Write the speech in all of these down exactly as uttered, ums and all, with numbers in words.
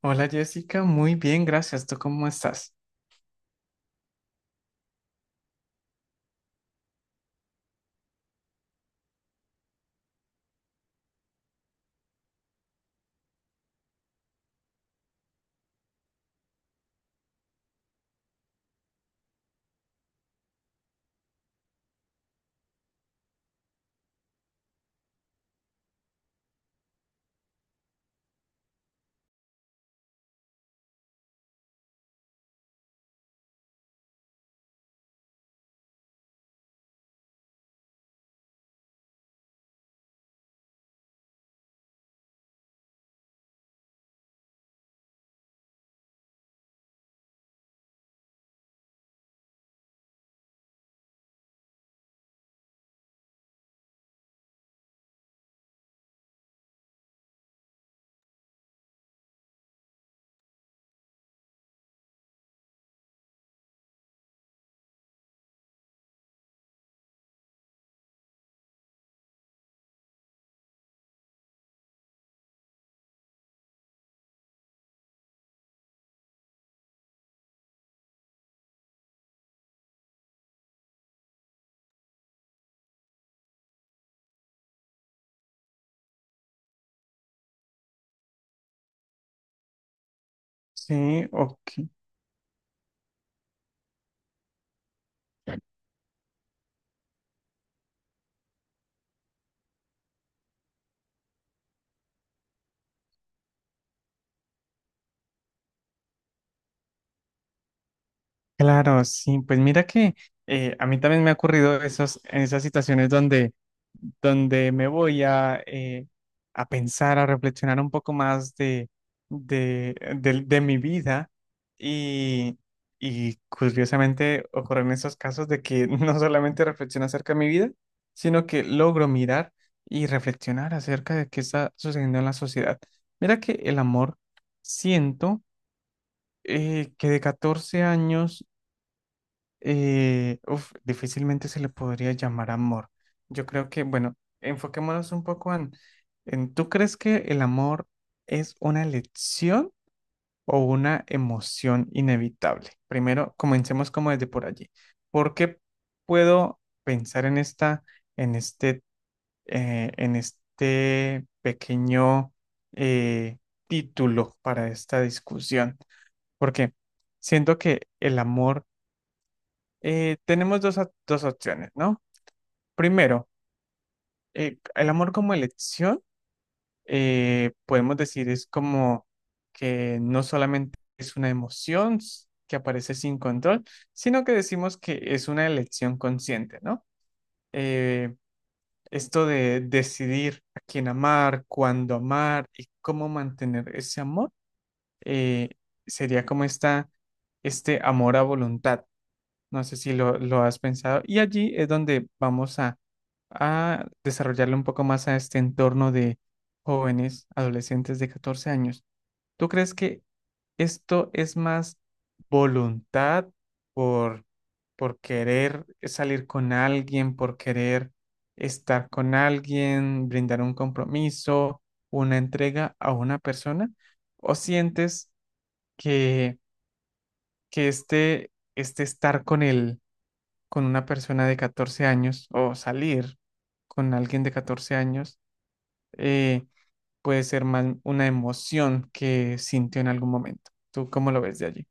Hola Jessica, muy bien, gracias. ¿Tú cómo estás? Sí, ok. Claro, sí, pues mira que eh, a mí también me ha ocurrido esos, en esas situaciones donde, donde me voy a, eh, a pensar, a reflexionar un poco más de, de, del- de mi vida y, y curiosamente ocurren esos casos de que no solamente reflexiono acerca de mi vida, sino que logro mirar y reflexionar acerca de qué está sucediendo en la sociedad. Mira que el amor, siento eh, que de catorce años eh, uf, difícilmente se le podría llamar amor. Yo creo que, bueno, enfoquémonos un poco en, en, ¿tú crees que el amor es una elección o una emoción inevitable? Primero, comencemos como desde por allí. ¿Por qué puedo pensar en esta, en este, eh, en este pequeño eh, título para esta discusión? Porque siento que el amor, eh, tenemos dos, op- dos opciones, ¿no? Primero, eh, el amor como elección, eh, podemos decir, es como que no solamente es una emoción s- que aparece sin control, sino que decimos que es una elección consciente, ¿no? Eh, esto de decidir a quién amar, cuándo amar y cómo mantener ese amor, eh, sería como esta, este amor a voluntad. No sé si lo, lo has pensado. Y allí es donde vamos a, a desarrollarle un poco más a este entorno de jóvenes, adolescentes de catorce años. ¿Tú crees que esto es más voluntad por, por querer salir con alguien, por querer estar con alguien, brindar un compromiso, una entrega a una persona? ¿O sientes que, que este, este estar con él, con una persona de catorce años o salir con alguien de catorce años, eh, puede ser más una emoción que sintió en algún momento? ¿Tú cómo lo ves de allí?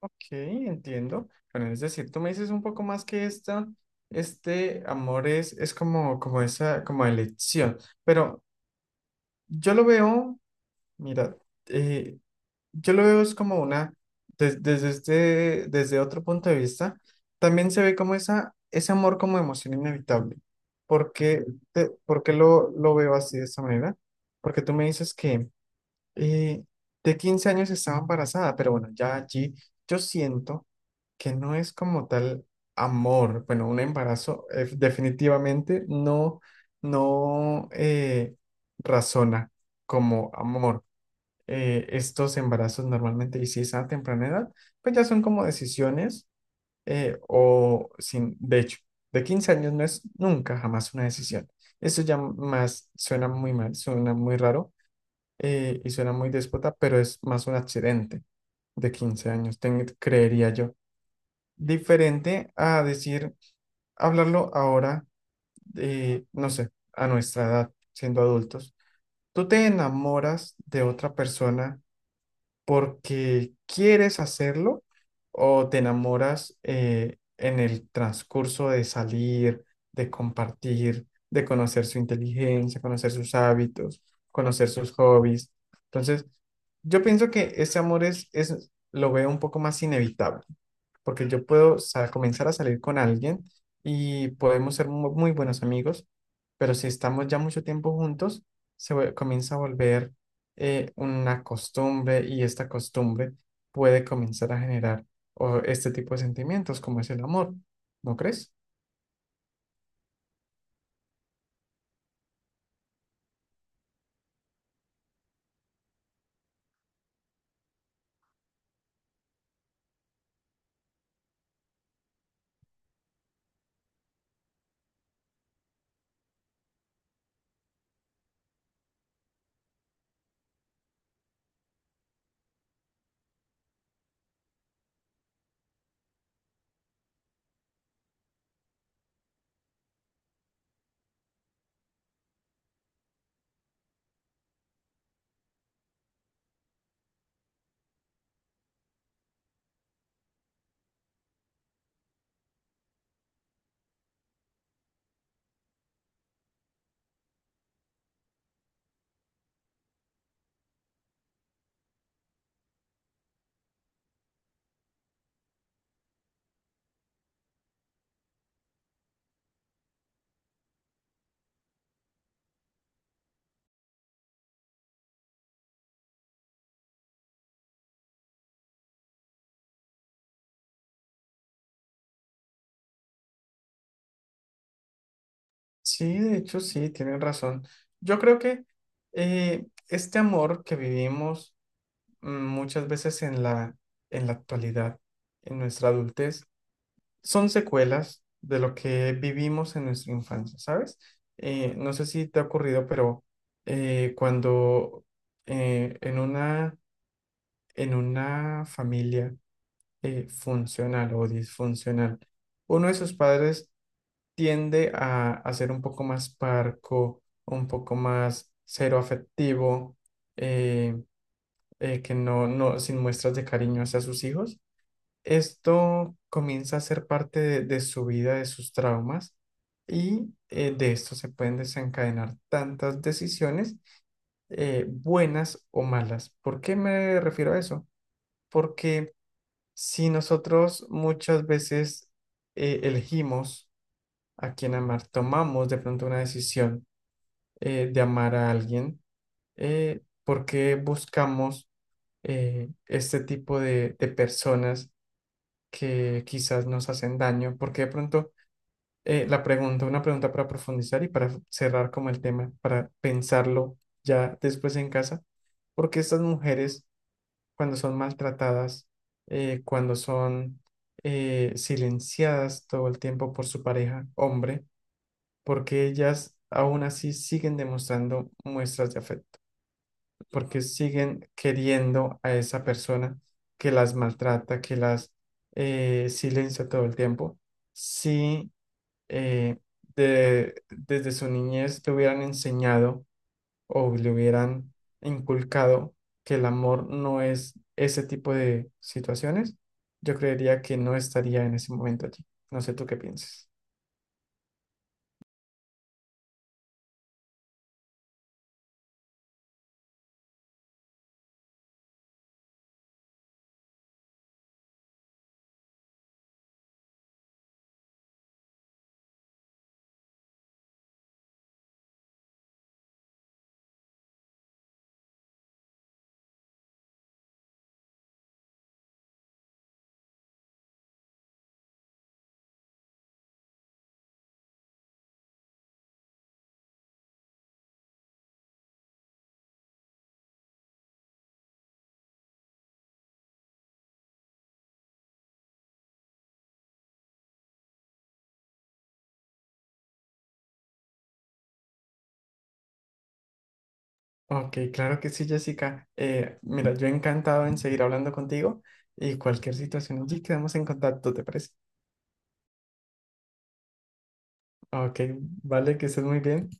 Ok, entiendo. Bueno, es decir, tú me dices un poco más que esta, este amor es, es como, como esa, como elección. Pero yo lo veo, mira, eh, Yo lo veo es como una, des- desde este, desde otro punto de vista, también se ve como esa, ese amor como emoción inevitable. ¿Por qué, te- por qué lo, lo veo así de esta manera? Porque tú me dices que eh, de quince años estaba embarazada, pero bueno, ya allí yo siento que no es como tal amor. Bueno, un embarazo eh, definitivamente no, no eh, razona como amor. Eh, estos embarazos normalmente, y si es a temprana edad, pues ya son como decisiones, eh, o sin, de hecho, de quince años no es nunca jamás una decisión. Eso ya más suena muy mal, suena muy raro, eh, y suena muy déspota, pero es más un accidente de quince años, ten- creería yo. Diferente a decir, hablarlo ahora, eh, no sé, a nuestra edad, siendo adultos. Tú te enamoras de otra persona porque quieres hacerlo o te enamoras eh, en el transcurso de salir, de compartir, de conocer su inteligencia, conocer sus hábitos, conocer sus hobbies. Entonces, yo pienso que ese amor es, es lo veo un poco más inevitable, porque yo puedo sa- comenzar a salir con alguien y podemos ser mu- muy buenos amigos, pero si estamos ya mucho tiempo juntos, se vue- comienza a volver eh, una costumbre, y esta costumbre puede comenzar a generar o, este tipo de sentimientos como es el amor, ¿no crees? Sí, de hecho sí, tienes razón. Yo creo que eh, este amor que vivimos, mm, muchas veces en la, en la actualidad, en nuestra adultez, son secuelas de lo que vivimos en nuestra infancia, ¿sabes? Eh, no sé si te ha ocurrido, pero eh, cuando eh, en una en una familia eh, funcional o disfuncional, uno de sus padres tiende a, a ser un poco más parco, un poco más cero afectivo, eh, eh, que no, no, sin muestras de cariño hacia sus hijos. Esto comienza a ser parte de, de su vida, de sus traumas, y eh, de esto se pueden desencadenar tantas decisiones, eh, buenas o malas. ¿Por qué me refiero a eso? Porque si nosotros muchas veces eh, elegimos a quién amar, tomamos de pronto una decisión eh, de amar a alguien, eh, ¿por qué buscamos eh, este tipo de, de personas que quizás nos hacen daño? Porque de pronto eh, la pregunta, una pregunta para profundizar y para cerrar como el tema, para pensarlo ya después en casa, porque estas mujeres cuando son maltratadas, eh, cuando son eh, silenciadas todo el tiempo por su pareja, hombre, porque ellas aún así siguen demostrando muestras de afecto, porque siguen queriendo a esa persona que las maltrata, que las eh, silencia todo el tiempo. Si eh, de- desde su niñez le hubieran enseñado o le hubieran inculcado que el amor no es ese tipo de situaciones, yo creería que no estaría en ese momento allí. No sé tú qué piensas. Ok, claro que sí, Jessica. Eh, mira, yo encantado en seguir hablando contigo, y cualquier situación allí quedamos en contacto, ¿te parece? Ok, vale, que estés muy bien.